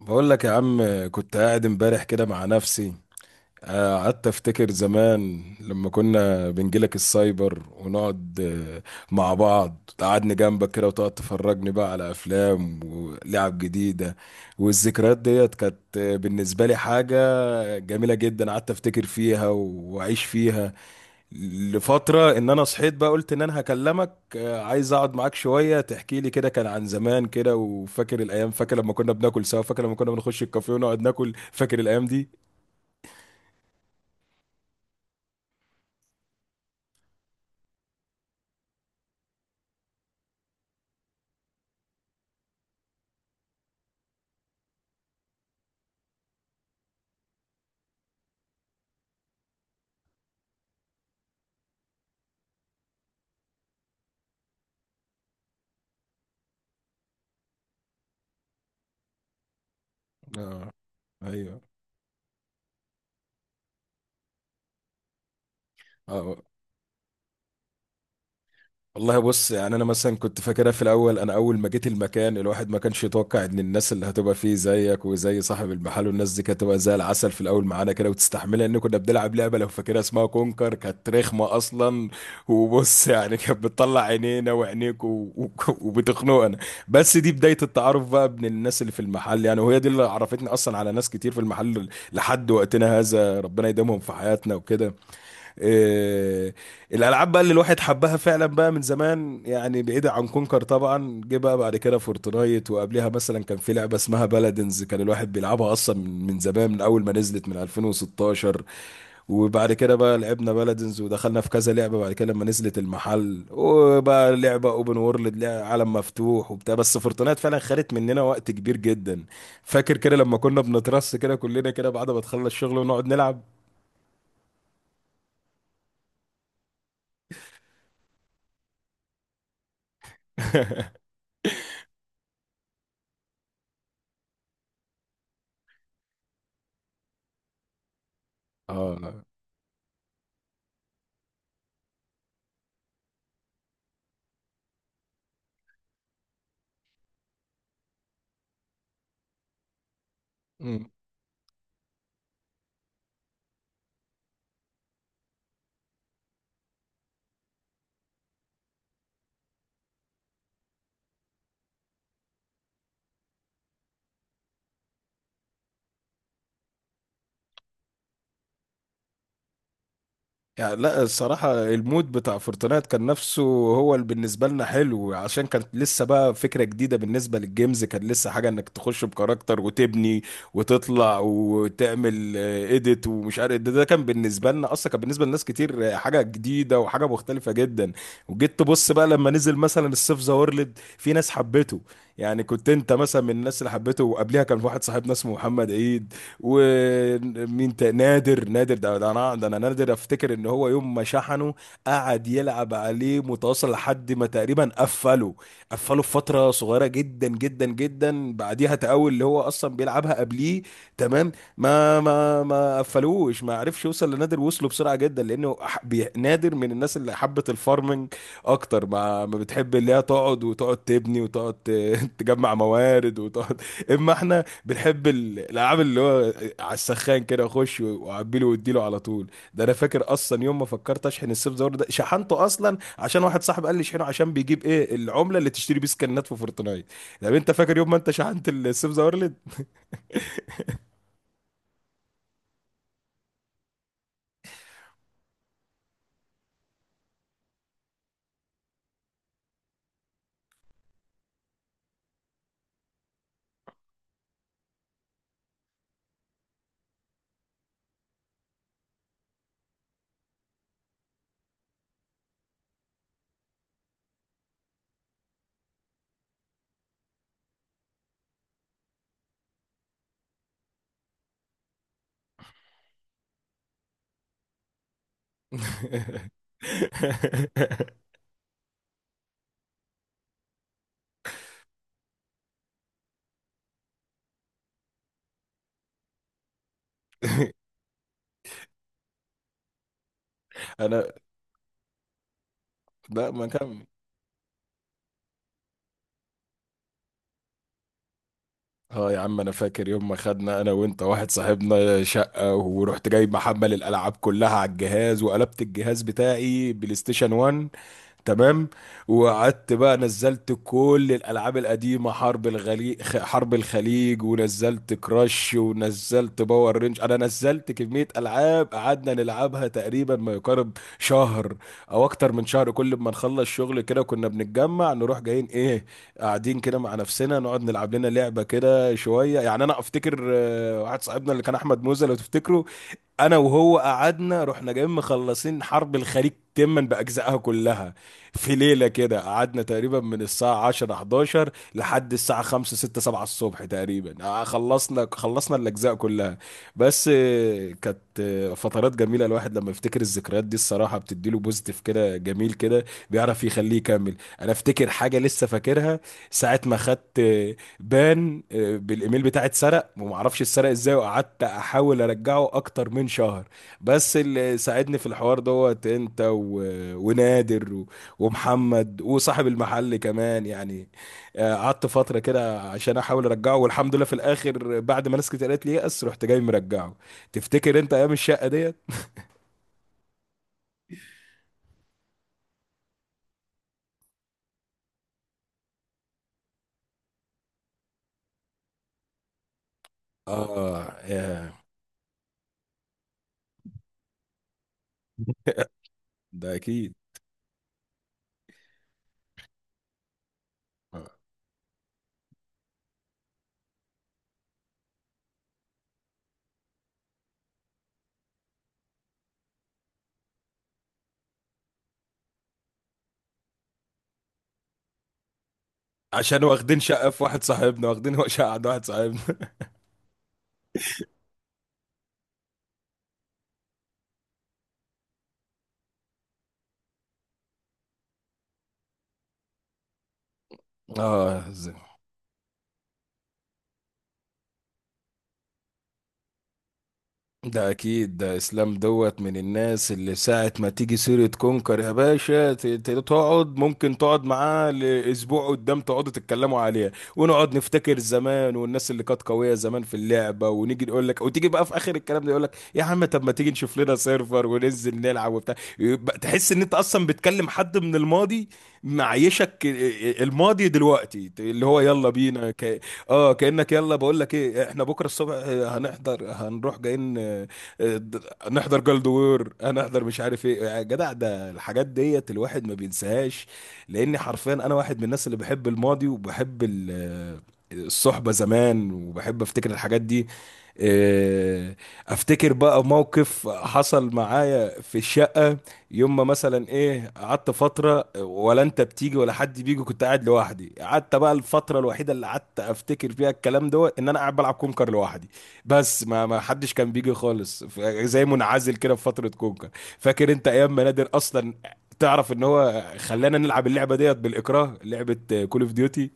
بقول لك يا عم، كنت قاعد امبارح كده مع نفسي. قعدت افتكر زمان لما كنا بنجيلك السايبر ونقعد آه، مع بعض، قعدني جنبك كده وتقعد تفرجني بقى على افلام ولعب جديدة. والذكريات ديت كانت بالنسبة لي حاجة جميلة جدا، قعدت افتكر فيها واعيش فيها لفترة، ان انا صحيت بقى قلت ان انا هكلمك. عايز اقعد معاك شوية تحكي لي كده كان عن زمان كده، وفاكر الايام، فاكر لما كنا بناكل سوا، فاكر لما كنا بنخش الكافيه ونقعد ناكل، فاكر الايام دي. آه. ايوه. اه، والله بص، يعني انا مثلا كنت فاكرها في الاول، انا اول ما جيت المكان الواحد ما كانش يتوقع ان الناس اللي هتبقى فيه زيك وزي صاحب المحل والناس دي كانت هتبقى زي العسل في الاول معانا كده، وتستحملها ان كنا بنلعب لعبه لو فاكرها اسمها كونكر كانت رخمه اصلا. وبص يعني كانت بتطلع عينينا وعينيك و... وبتخنقنا. بس دي بدايه التعارف بقى بين الناس اللي في المحل يعني، وهي دي اللي عرفتني اصلا على ناس كتير في المحل لحد وقتنا هذا، ربنا يديمهم في حياتنا وكده. آه، الالعاب بقى اللي الواحد حبها فعلا بقى من زمان، يعني بعيدة عن كونكر طبعا، جه بقى بعد كده فورتنايت، وقبلها مثلا كان في لعبة اسمها بلادنز كان الواحد بيلعبها اصلا من زمان من اول ما نزلت من 2016. وبعد كده بقى لعبنا بلادنز ودخلنا في كذا لعبة بعد كده لما نزلت المحل وبقى لعبة اوبن وورلد عالم مفتوح وبتاع، بس فورتنايت فعلا خدت مننا وقت كبير جدا. فاكر كده لما كنا بنترص كده كلنا كده بعد ما تخلص الشغل ونقعد نلعب. اه، يعني لا الصراحة المود بتاع فورتنايت كان نفسه هو اللي بالنسبة لنا حلو، عشان كانت لسه بقى فكرة جديدة بالنسبة للجيمز، كان لسه حاجة انك تخش بكاركتر وتبني وتطلع وتعمل اديت ومش عارف ده، كان بالنسبة لنا اصلا، كان بالنسبة لناس كتير حاجة جديدة وحاجة مختلفة جدا. وجيت تبص بقى لما نزل مثلا السيف ذا وورلد في ناس حبته، يعني كنت انت مثلا من الناس اللي حبته، وقبلها كان واحد صاحبنا اسمه محمد عيد. نادر نادر ده ده انا ده انا نادر افتكر ان هو يوم ما شحنه قعد يلعب عليه متواصل لحد ما تقريبا قفله. قفله في فتره صغيره جدا جدا جدا، بعديها تقاول اللي هو اصلا بيلعبها قبليه. تمام، ما قفلوش، ما عرفش يوصل لنادر، وصله بسرعه جدا لانه نادر من الناس اللي حبت الفارمنج اكتر ما بتحب، اللي هي تقعد وتقعد تبني وتقعد تجمع موارد وتقعد. اما احنا بنحب الالعاب اللي هو على السخان كده اخش واعبي واديله على طول. ده انا فاكر اصلا يوم ما فكرت اشحن السيف زور، ده شحنته اصلا عشان واحد صاحب قال لي اشحنه عشان بيجيب ايه العمله اللي تشتري بيه سكنات في فورتنايت. طب انت فاكر يوم ما انت شحنت السيف زورلد؟ انا لا ما كان. اه يا عم، انا فاكر يوم ما خدنا انا وانت واحد صاحبنا شقه، ورحت جاي محمل الالعاب كلها على الجهاز وقلبت الجهاز بتاعي بلاي ستيشن 1. تمام. وقعدت بقى نزلت كل الالعاب القديمه، حرب الخليج، حرب الخليج، ونزلت كراش، ونزلت باور رينج، انا نزلت كميه العاب قعدنا نلعبها تقريبا ما يقارب شهر او اكتر من شهر، كل ما نخلص شغل كده كنا بنتجمع نروح جايين ايه، قاعدين كده مع نفسنا نقعد نلعب لنا لعبه كده شويه. يعني انا افتكر واحد صاحبنا اللي كان احمد موزه لو تفتكره، انا وهو قعدنا رحنا جايين مخلصين حرب الخليج تما باجزائها كلها. في ليله كده قعدنا تقريبا من الساعه 10 11 لحد الساعه 5 6 7 الصبح تقريبا، خلصنا خلصنا الاجزاء كلها. بس كانت فترات جميله، الواحد لما يفتكر الذكريات دي الصراحه بتديله بوزيتيف كده جميل كده، بيعرف يخليه يكمل. انا افتكر حاجه لسه فاكرها، ساعه ما خدت بان بالايميل بتاعي اتسرق، ومعرفش اتسرق ازاي، وقعدت احاول ارجعه اكتر من شهر. بس اللي ساعدني في الحوار دوت انت ونادر ومحمد وصاحب المحل كمان يعني. قعدت فترة كده عشان احاول ارجعه، والحمد لله في الاخر بعد ما ناس كتير قالت لي يأس رحت جاي مرجعه. تفتكر انت ايام الشقة ديت؟ اه يا. ده اكيد. آه. عشان واخدين شقة في واحد صاحبنا، واخدين شقة عند واحد صاحبنا. اه، ده اكيد، ده اسلام دوت من الناس اللي ساعة ما تيجي سيرة كونكر يا باشا تقعد، ممكن تقعد معاه لاسبوع قدام تقعدوا تتكلموا عليها ونقعد نفتكر زمان والناس اللي كانت قوية زمان في اللعبة، ونيجي نقول لك وتيجي بقى في اخر الكلام ده يقول لك يا عم طب ما تيجي نشوف لنا سيرفر وننزل نلعب وبتاع، يبقى تحس ان انت اصلا بتكلم حد من الماضي. معيشك الماضي دلوقتي، اللي هو يلا بينا. اه، كأنك يلا بقول لك ايه احنا بكره الصبح هنحضر هنروح جايين، آه، نحضر جلدوور، هنحضر مش عارف ايه يا جدع. ده الحاجات ديت الواحد ما بينساهاش، لاني حرفيا انا واحد من الناس اللي بحب الماضي وبحب الصحبة زمان، وبحب افتكر الحاجات دي. آه، افتكر بقى موقف حصل معايا في الشقة، يوم ما مثلا ايه قعدت فتره ولا انت بتيجي ولا حد بيجي، كنت قاعد لوحدي، قعدت بقى الفتره الوحيده اللي قعدت افتكر فيها الكلام ده ان انا قاعد بلعب كونكر لوحدي، بس ما حدش كان بيجي خالص زي منعزل كده في فتره كونكر. فاكر انت ايام ما نادر اصلا تعرف ان هو خلانا نلعب اللعبه ديت بالاكراه، لعبه كول اوف ديوتي.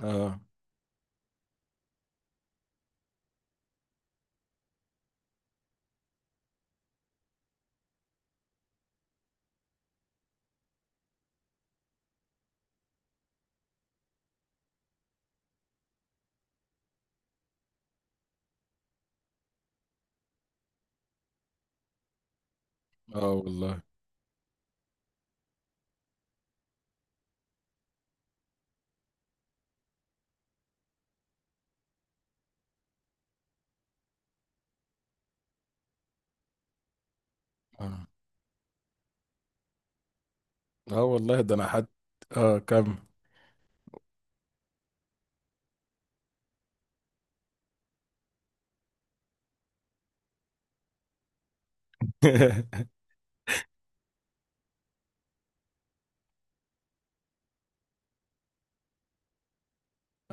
اه. اه والله. اه, آه والله، ده انا حد. اه كم.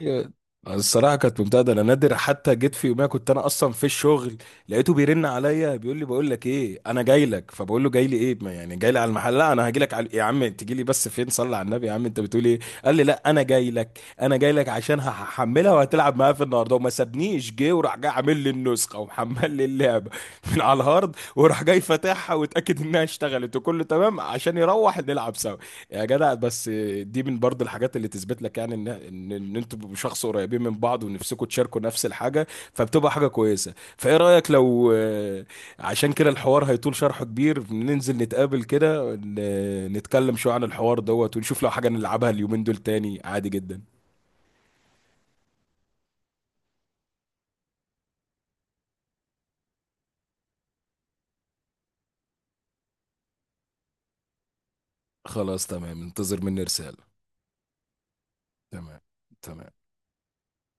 أيوة. الصراحه كانت ممتازه، انا نادر حتى جيت في يوميها كنت انا اصلا في الشغل، لقيته بيرن عليا بيقول لي بقول لك ايه انا جاي لك، فبقول له جاي لي ايه، ما يعني جاي لي على المحل، لا انا هاجي لك على... يا عم تجي لي بس فين صلي على النبي يا عم انت بتقول ايه؟ قال لي لا انا جاي لك، انا جاي لك عشان هحملها وهتلعب معايا في النهارده، وما سابنيش جه وراح جاي عامل لي النسخه ومحمل لي اللعبه من على الهارد، وراح جاي فاتحها واتاكد انها اشتغلت وكله تمام عشان يروح نلعب سوا. يا جدع بس، دي من برضه الحاجات اللي تثبت لك يعني إن انتوا شخص قريبين من بعض ونفسكم تشاركوا نفس الحاجه. فبتبقى حاجه كويسه، فايه رايك لو عشان كده الحوار هيطول شرحه كبير، ننزل نتقابل كده نتكلم شويه عن الحوار دوت ونشوف لو حاجه نلعبها اليومين دول تاني عادي جدا. خلاص، تمام، انتظر مني رساله. تمام. تمام.